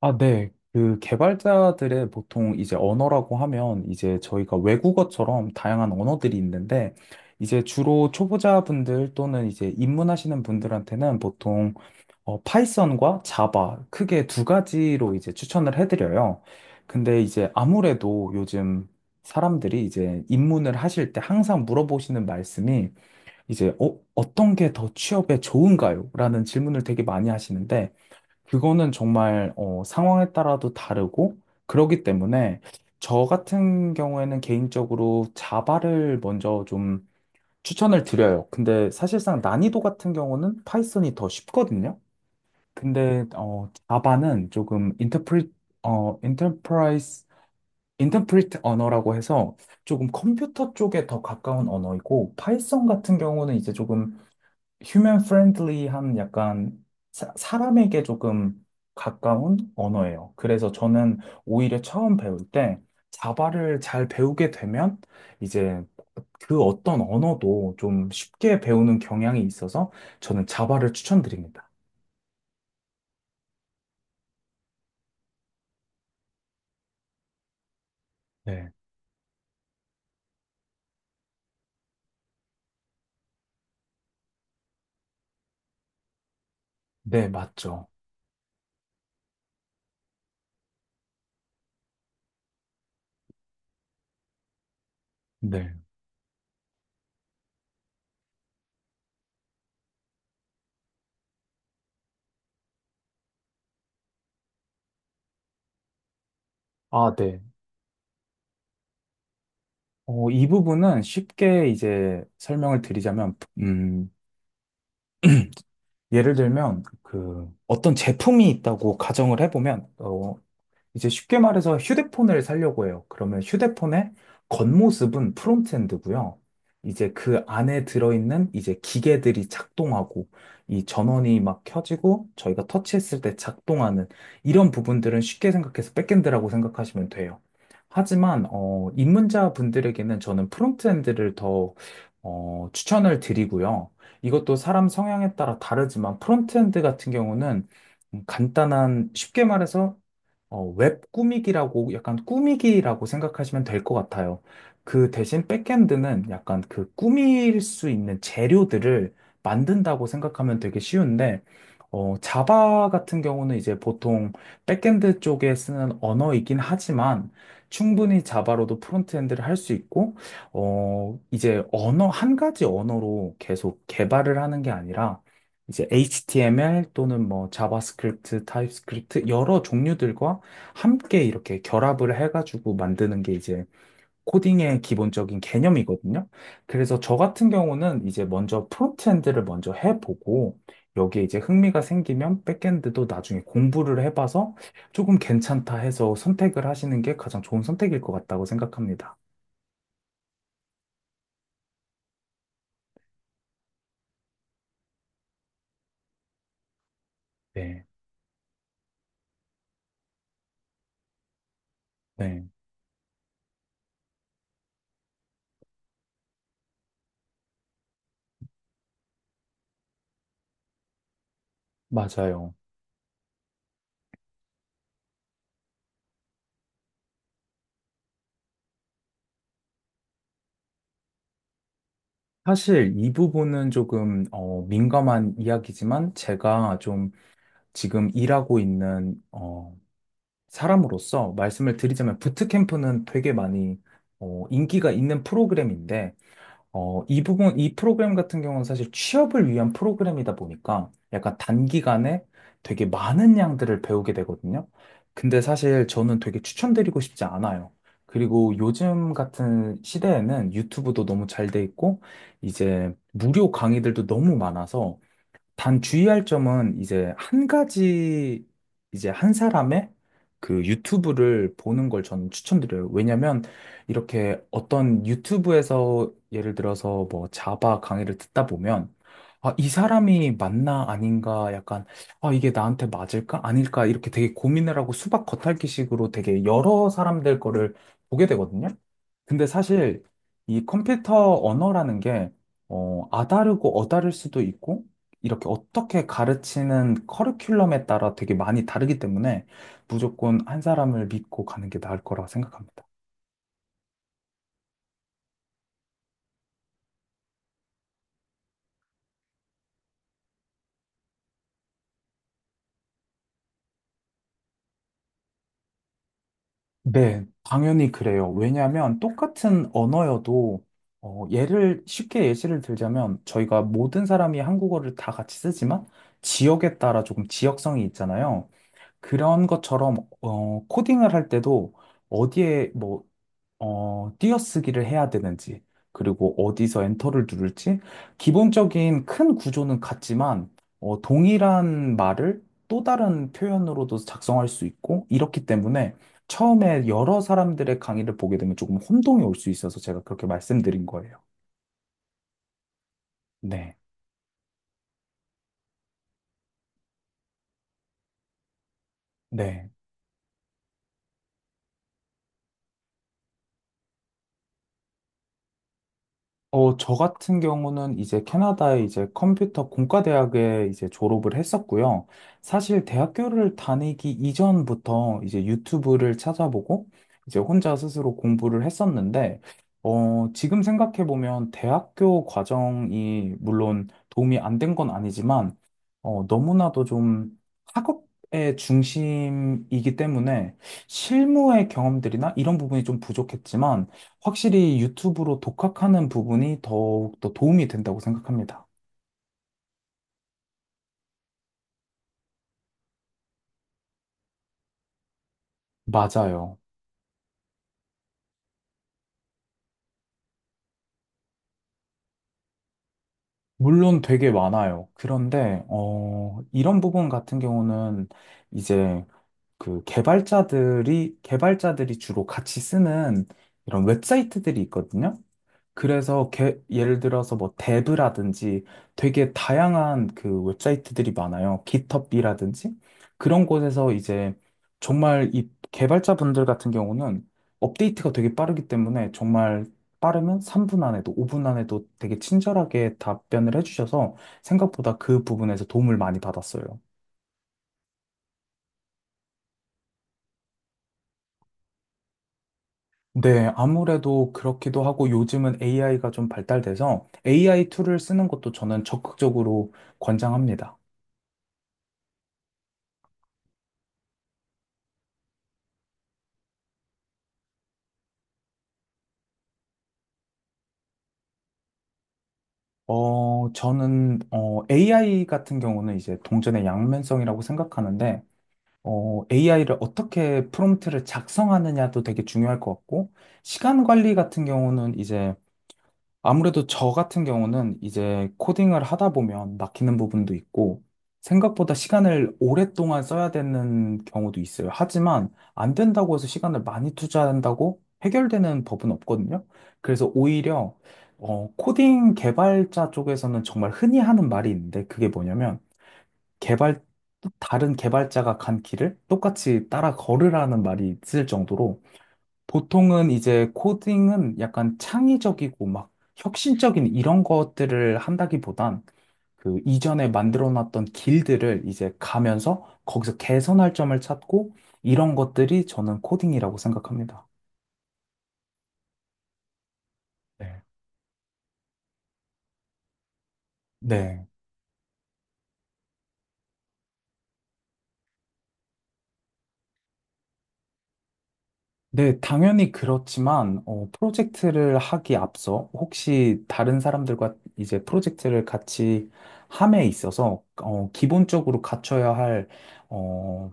아, 네. 그 개발자들의 보통 이제 언어라고 하면 이제 저희가 외국어처럼 다양한 언어들이 있는데 이제 주로 초보자분들 또는 이제 입문하시는 분들한테는 보통 파이썬과 자바 크게 두 가지로 이제 추천을 해드려요. 근데 이제 아무래도 요즘 사람들이 이제 입문을 하실 때 항상 물어보시는 말씀이 이제 어떤 게 더 취업에 좋은가요? 라는 질문을 되게 많이 하시는데 그거는 정말 상황에 따라도 다르고 그러기 때문에 저 같은 경우에는 개인적으로 자바를 먼저 좀 추천을 드려요. 근데 사실상 난이도 같은 경우는 파이썬이 더 쉽거든요. 근데 어, 자바는 조금 인터프리 어 인터프라이스 인터프리트 언어라고 해서 조금 컴퓨터 쪽에 더 가까운 언어이고 파이썬 같은 경우는 이제 조금 휴먼 프렌들리한 약간 사람에게 조금 가까운 언어예요. 그래서 저는 오히려 처음 배울 때 자바를 잘 배우게 되면 이제 그 어떤 언어도 좀 쉽게 배우는 경향이 있어서 저는 자바를 추천드립니다. 네. 네, 맞죠. 네. 아, 네. 어, 이 부분은 쉽게 이제 설명을 드리자면, 예를 들면, 그, 어떤 제품이 있다고 가정을 해보면, 이제 쉽게 말해서 휴대폰을 살려고 해요. 그러면 휴대폰의 겉모습은 프론트엔드고요. 이제 그 안에 들어있는 이제 기계들이 작동하고 이 전원이 막 켜지고 저희가 터치했을 때 작동하는 이런 부분들은 쉽게 생각해서 백엔드라고 생각하시면 돼요. 하지만 입문자 분들에게는 저는 프론트엔드를 더 추천을 드리고요. 이것도 사람 성향에 따라 다르지만 프론트엔드 같은 경우는 간단한 쉽게 말해서 웹 꾸미기라고 약간 꾸미기라고 생각하시면 될 것 같아요. 그 대신 백엔드는 약간 그 꾸밀 수 있는 재료들을 만든다고 생각하면 되게 쉬운데, 자바 같은 경우는 이제 보통 백엔드 쪽에 쓰는 언어이긴 하지만 충분히 자바로도 프론트엔드를 할 수 있고, 이제 한 가지 언어로 계속 개발을 하는 게 아니라 이제 HTML 또는 뭐 자바스크립트, 타입스크립트 여러 종류들과 함께 이렇게 결합을 해가지고 만드는 게 이제 코딩의 기본적인 개념이거든요. 그래서 저 같은 경우는 이제 먼저 프론트엔드를 먼저 해보고 여기에 이제 흥미가 생기면 백엔드도 나중에 공부를 해봐서 조금 괜찮다 해서 선택을 하시는 게 가장 좋은 선택일 것 같다고 생각합니다. 네, 네, 맞아요. 사실 이 부분은 조금 민감한 이야기지만 제가 좀 지금 일하고 있는 사람으로서 말씀을 드리자면 부트캠프는 되게 많이 인기가 있는 프로그램인데 이 프로그램 같은 경우는 사실 취업을 위한 프로그램이다 보니까 약간 단기간에 되게 많은 양들을 배우게 되거든요. 근데 사실 저는 되게 추천드리고 싶지 않아요. 그리고 요즘 같은 시대에는 유튜브도 너무 잘 돼 있고 이제 무료 강의들도 너무 많아서 단 주의할 점은 이제 한 가지, 이제 한 사람의 그 유튜브를 보는 걸 저는 추천드려요. 왜냐면 이렇게 어떤 유튜브에서 예를 들어서 뭐 자바 강의를 듣다 보면 아, 이 사람이 맞나 아닌가 약간 아, 이게 나한테 맞을까 아닐까 이렇게 되게 고민을 하고 수박 겉핥기식으로 되게 여러 사람들 거를 보게 되거든요. 근데 사실 이 컴퓨터 언어라는 게 아다르고 어다를 수도 있고 이렇게 어떻게 가르치는 커리큘럼에 따라 되게 많이 다르기 때문에 무조건 한 사람을 믿고 가는 게 나을 거라 생각합니다. 네, 당연히 그래요. 왜냐하면 똑같은 언어여도 어, 예를 쉽게 예시를 들자면 저희가 모든 사람이 한국어를 다 같이 쓰지만 지역에 따라 조금 지역성이 있잖아요. 그런 것처럼 코딩을 할 때도 어디에 뭐 띄어쓰기를 해야 되는지, 그리고 어디서 엔터를 누를지, 기본적인 큰 구조는 같지만, 동일한 말을 또 다른 표현으로도 작성할 수 있고, 이렇기 때문에 처음에 여러 사람들의 강의를 보게 되면 조금 혼동이 올 수 있어서 제가 그렇게 말씀드린 거예요. 네, 네. 어, 저 같은 경우는 이제 캐나다의 이제 컴퓨터 공과대학에 이제 졸업을 했었고요. 사실 대학교를 다니기 이전부터 이제 유튜브를 찾아보고 이제 혼자 스스로 공부를 했었는데, 지금 생각해보면 대학교 과정이 물론 도움이 안 된 건 아니지만, 너무나도 좀 학업의 중심이기 때문에 실무의 경험들이나 이런 부분이 좀 부족했지만, 확실히 유튜브로 독학하는 부분이 더욱 더 도움이 된다고 생각합니다. 맞아요. 물론 되게 많아요. 그런데, 이런 부분 같은 경우는 이제 그 개발자들이 주로 같이 쓰는 이런 웹사이트들이 있거든요. 예를 들어서 뭐 데브라든지 되게 다양한 그 웹사이트들이 많아요. 깃허브라든지 그런 곳에서 이제 정말 이 개발자분들 같은 경우는 업데이트가 되게 빠르기 때문에 정말 빠르면 3분 안에도 5분 안에도 되게 친절하게 답변을 해주셔서 생각보다 그 부분에서 도움을 많이 받았어요. 네, 아무래도 그렇기도 하고 요즘은 AI가 좀 발달돼서 AI 툴을 쓰는 것도 저는 적극적으로 권장합니다. 저는 AI 같은 경우는 이제 동전의 양면성이라고 생각하는데, AI를 어떻게 프롬프트를 작성하느냐도 되게 중요할 것 같고, 시간 관리 같은 경우는 이제 아무래도 저 같은 경우는 이제 코딩을 하다 보면 막히는 부분도 있고, 생각보다 시간을 오랫동안 써야 되는 경우도 있어요. 하지만 안 된다고 해서 시간을 많이 투자한다고 해결되는 법은 없거든요. 그래서 오히려, 코딩 개발자 쪽에서는 정말 흔히 하는 말이 있는데, 그게 뭐냐면, 개발, 다른 개발자가 간 길을 똑같이 따라 걸으라는 말이 있을 정도로, 보통은 이제 코딩은 약간 창의적이고 막 혁신적인 이런 것들을 한다기보단 그 이전에 만들어 놨던 길들을 이제 가면서 거기서 개선할 점을 찾고 이런 것들이 저는 코딩이라고 생각합니다. 네. 네. 네, 당연히 그렇지만, 프로젝트를 하기 앞서 혹시 다른 사람들과 이제 프로젝트를 같이 함에 있어서, 기본적으로 갖춰야 할, 어,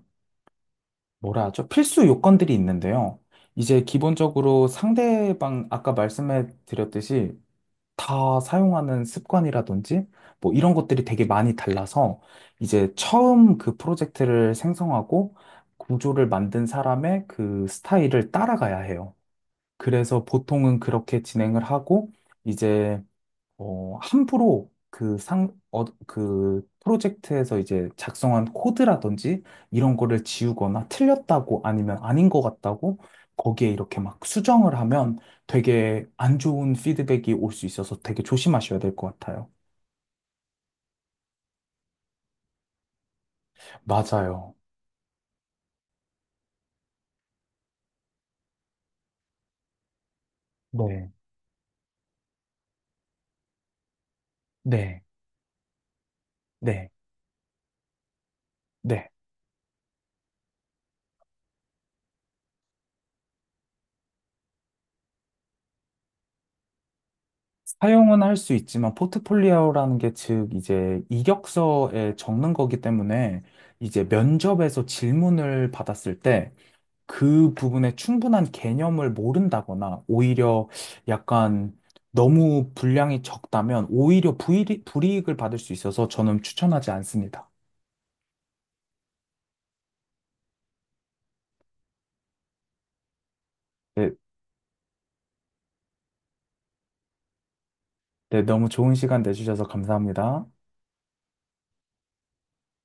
뭐라 하죠? 필수 요건들이 있는데요. 이제 기본적으로 상대방, 아까 말씀해 드렸듯이 다 사용하는 습관이라든지 뭐 이런 것들이 되게 많이 달라서 이제 처음 그 프로젝트를 생성하고 구조를 만든 사람의 그 스타일을 따라가야 해요. 그래서 보통은 그렇게 진행을 하고 이제 함부로 그 프로젝트에서 이제 작성한 코드라든지 이런 거를 지우거나 틀렸다고 아니면 아닌 것 같다고 거기에 이렇게 막 수정을 하면 되게 안 좋은 피드백이 올 수 있어서 되게 조심하셔야 될 것 같아요. 맞아요. 네, 네, 네, 네. 사용은 할 수 있지만 포트폴리오라는 게 즉 이제 이력서에 적는 거기 때문에 이제 면접에서 질문을 받았을 때 그 부분에 충분한 개념을 모른다거나 오히려 약간 너무 분량이 적다면 오히려 불이익을 받을 수 있어서 저는 추천하지 않습니다. 네, 네, 너무 좋은 시간 내주셔서 감사합니다.